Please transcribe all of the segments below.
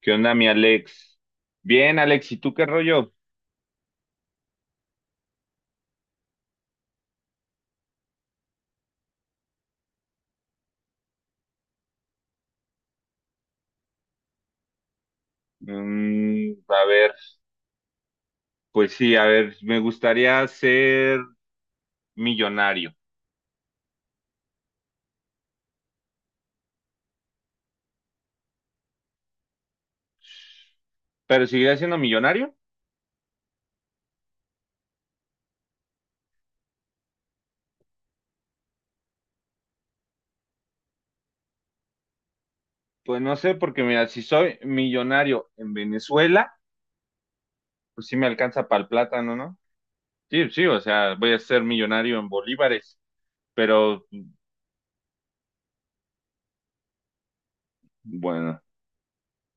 ¿Qué onda, mi Alex? Bien, Alex, ¿y tú qué rollo? Mm, a ver, pues sí, a ver, me gustaría ser millonario, pero ¿seguiré siendo millonario? Pues no sé, porque mira, si soy millonario en Venezuela, pues sí me alcanza para el plátano, ¿no? Sí, sí, o sea, voy a ser millonario en bolívares, pero bueno,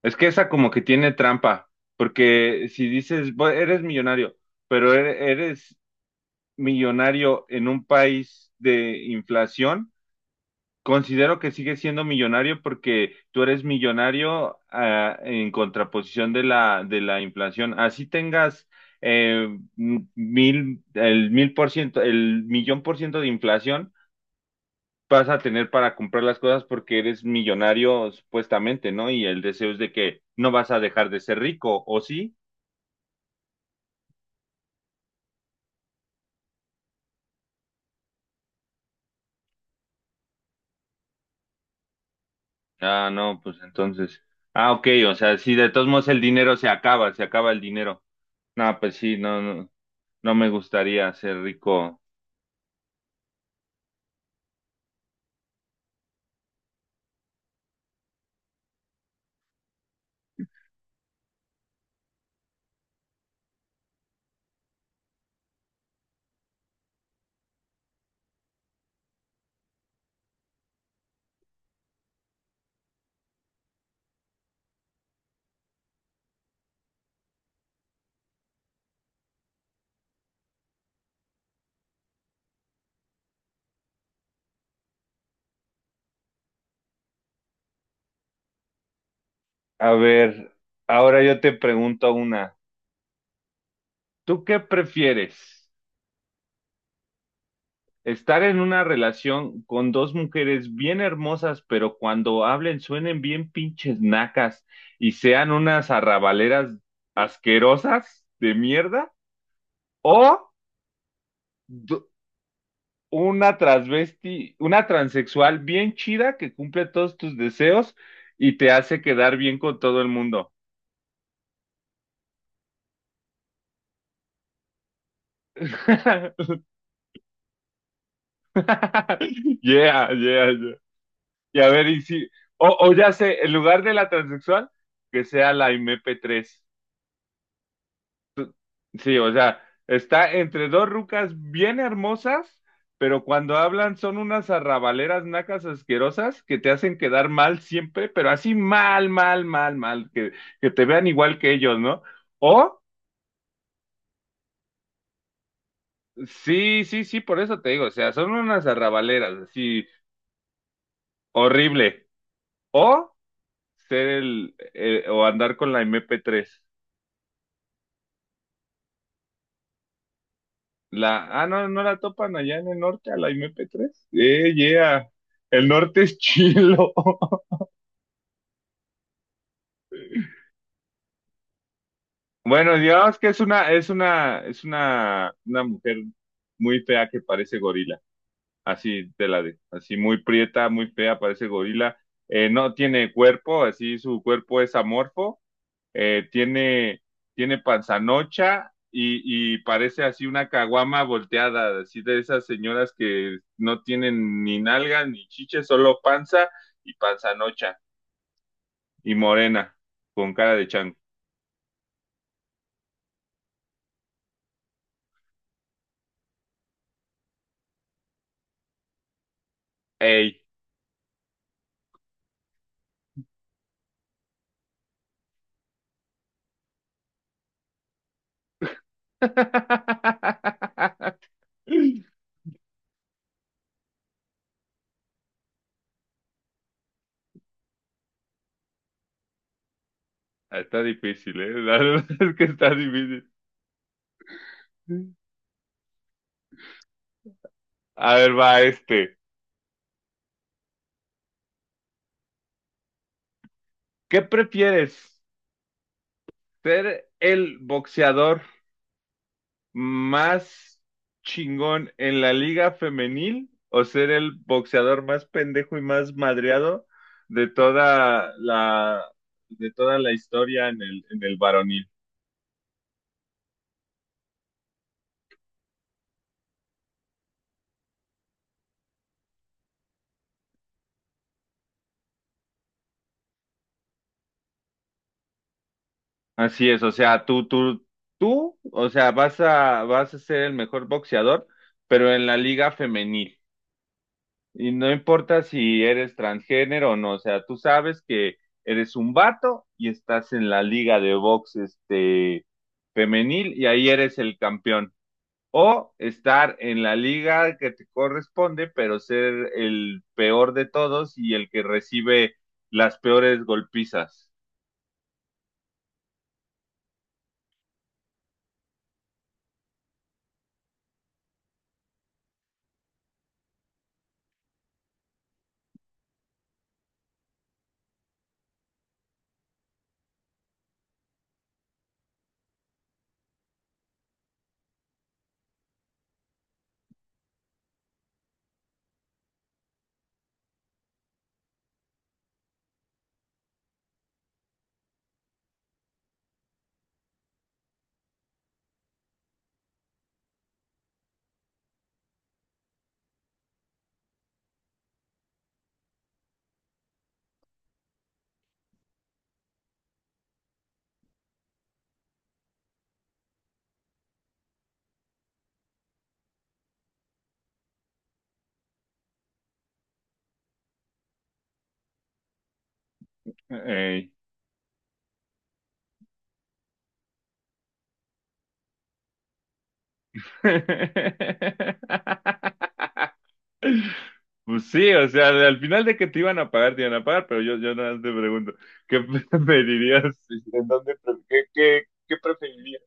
es que esa como que tiene trampa, porque si dices: "Eres millonario, pero eres millonario en un país de inflación". Considero que sigue siendo millonario porque tú eres millonario, en contraposición de la inflación. Así tengas eh, mil, el 1000%, el 1,000,000% de inflación, vas a tener para comprar las cosas porque eres millonario supuestamente, ¿no? Y el deseo es de que no vas a dejar de ser rico, ¿o sí? Ah, no, pues entonces. Ah, ok, o sea, sí, de todos modos el dinero se acaba el dinero. No, pues sí, no, no, no me gustaría ser rico. A ver, ahora yo te pregunto una. ¿Tú qué prefieres? ¿Estar en una relación con dos mujeres bien hermosas, pero cuando hablen suenen bien pinches nacas y sean unas arrabaleras asquerosas de mierda? ¿O d- una transvesti, una transexual bien chida que cumple todos tus deseos y te hace quedar bien con todo el mundo? Yeah, yeah, yeah. Y a ver, y si, o ya sé, en lugar de la transexual, que sea la MP3. Sí, o sea, está entre dos rucas bien hermosas, pero cuando hablan son unas arrabaleras nacas asquerosas que te hacen quedar mal siempre, pero así mal, mal, mal, mal, que te vean igual que ellos, ¿no? O, sí, sí, sí, por eso te digo, o sea, son unas arrabaleras, así, horrible. O ser el- o andar con la MP3. No, no la topan allá en el norte a la MP3. Yeah. El norte es chilo. Bueno, digamos que es una mujer muy fea que parece gorila. Así te la de, así muy prieta, muy fea, parece gorila. No tiene cuerpo, así su cuerpo es amorfo, eh, tiene, tiene panzanocha y parece así una caguama volteada, así de esas señoras que no tienen ni nalga ni chiche, solo panza y panzanocha y morena, con cara de chango. ¡Ey! Está difícil, ¿eh? La verdad es que está difícil. A ver, va este. ¿Qué prefieres? ¿Ser el boxeador más chingón en la liga femenil o ser el boxeador más pendejo y más madreado de toda la historia en el varonil? Así es, o sea, tú, o sea, vas a ser el mejor boxeador, pero en la liga femenil. Y no importa si eres transgénero o no, o sea, tú sabes que eres un vato y estás en la liga de box este femenil y ahí eres el campeón. O estar en la liga que te corresponde, pero ser el peor de todos y el que recibe las peores golpizas. Ey. Pues sí, o sea, al final de que te iban a pagar, te iban a pagar, pero yo nada más te pregunto, ¿qué preferirías? ¿En dónde, qué preferirías?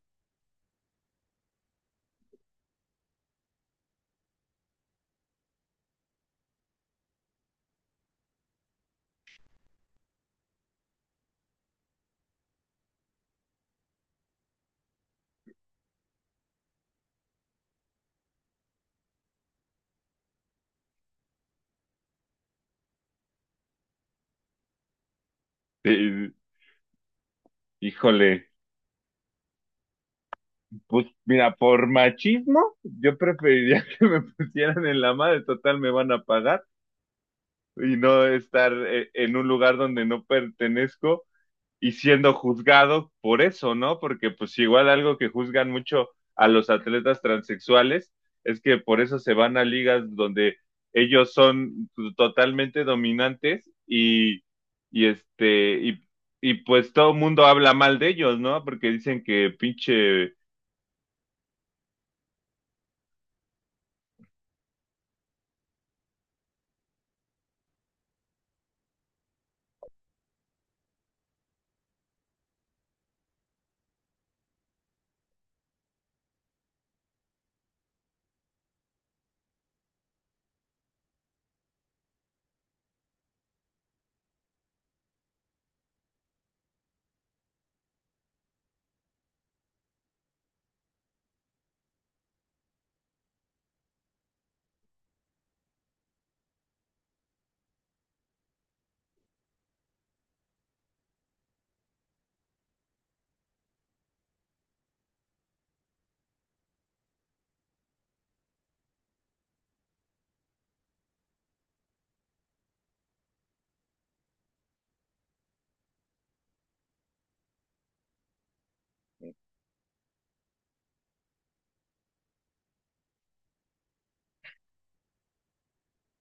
Eh, híjole, pues mira, por machismo, yo preferiría que me pusieran en la madre, total me van a pagar y no estar en un lugar donde no pertenezco y siendo juzgado por eso, ¿no? Porque pues igual algo que juzgan mucho a los atletas transexuales es que por eso se van a ligas donde ellos son totalmente dominantes y este y, y pues todo el mundo habla mal de ellos, ¿no? Porque dicen que pinche,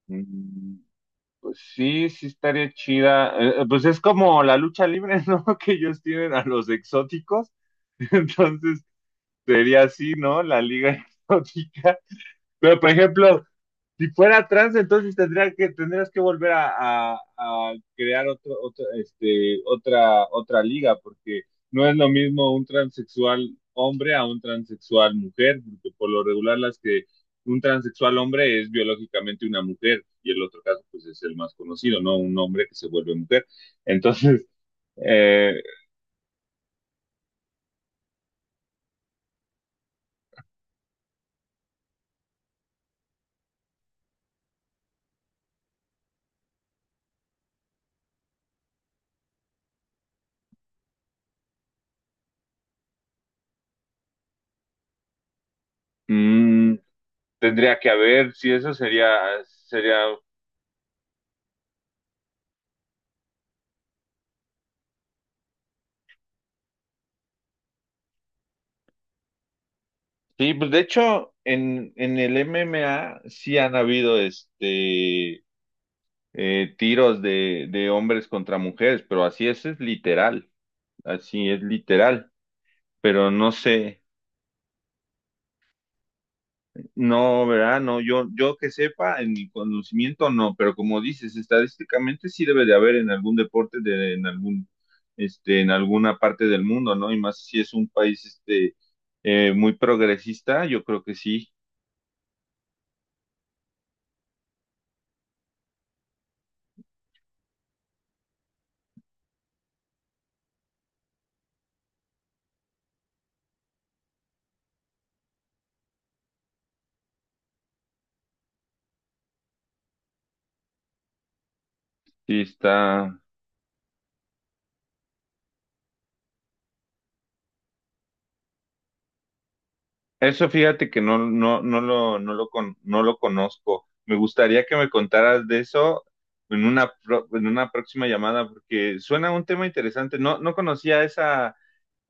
mm, pues sí, sí estaría chida. Pues es como la lucha libre, ¿no? Que ellos tienen a los exóticos. Entonces sería así, ¿no? La liga exótica. Pero, por ejemplo, si fuera trans, entonces tendrías que volver a, a crear otra, otra liga, porque no es lo mismo un transexual hombre a un transexual mujer, porque por lo regular las que un transexual hombre es biológicamente una mujer, y el otro caso pues es el más conocido, ¿no? Un hombre que se vuelve mujer. Entonces, eh, mm, tendría que haber, si eso sería, sería. Sí, pues de hecho, en el MMA sí han habido tiros de hombres contra mujeres, pero así es literal, así es literal, pero no sé, no, ¿verdad? No, yo que sepa, en mi conocimiento no, pero como dices, estadísticamente sí debe de haber en algún deporte de, en algún, este, en alguna parte del mundo, ¿no? Y más si es un país muy progresista, yo creo que sí, sí está. Eso fíjate que no, no, no lo conozco. Me gustaría que me contaras de eso en una próxima llamada, porque suena un tema interesante. No, no conocía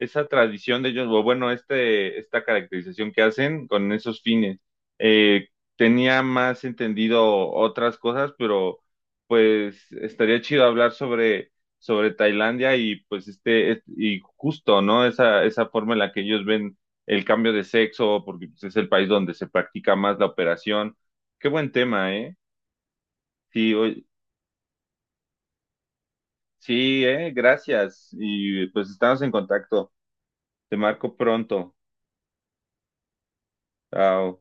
esa tradición de ellos, o bueno, este, esta caracterización que hacen con esos fines. Eh, tenía más entendido otras cosas, pero pues estaría chido hablar sobre Tailandia y pues y justo, ¿no? Esa forma en la que ellos ven el cambio de sexo, porque pues, es el país donde se practica más la operación. Qué buen tema, ¿eh? Sí, oye, sí, ¿eh? Gracias. Y pues estamos en contacto. Te marco pronto. Chao.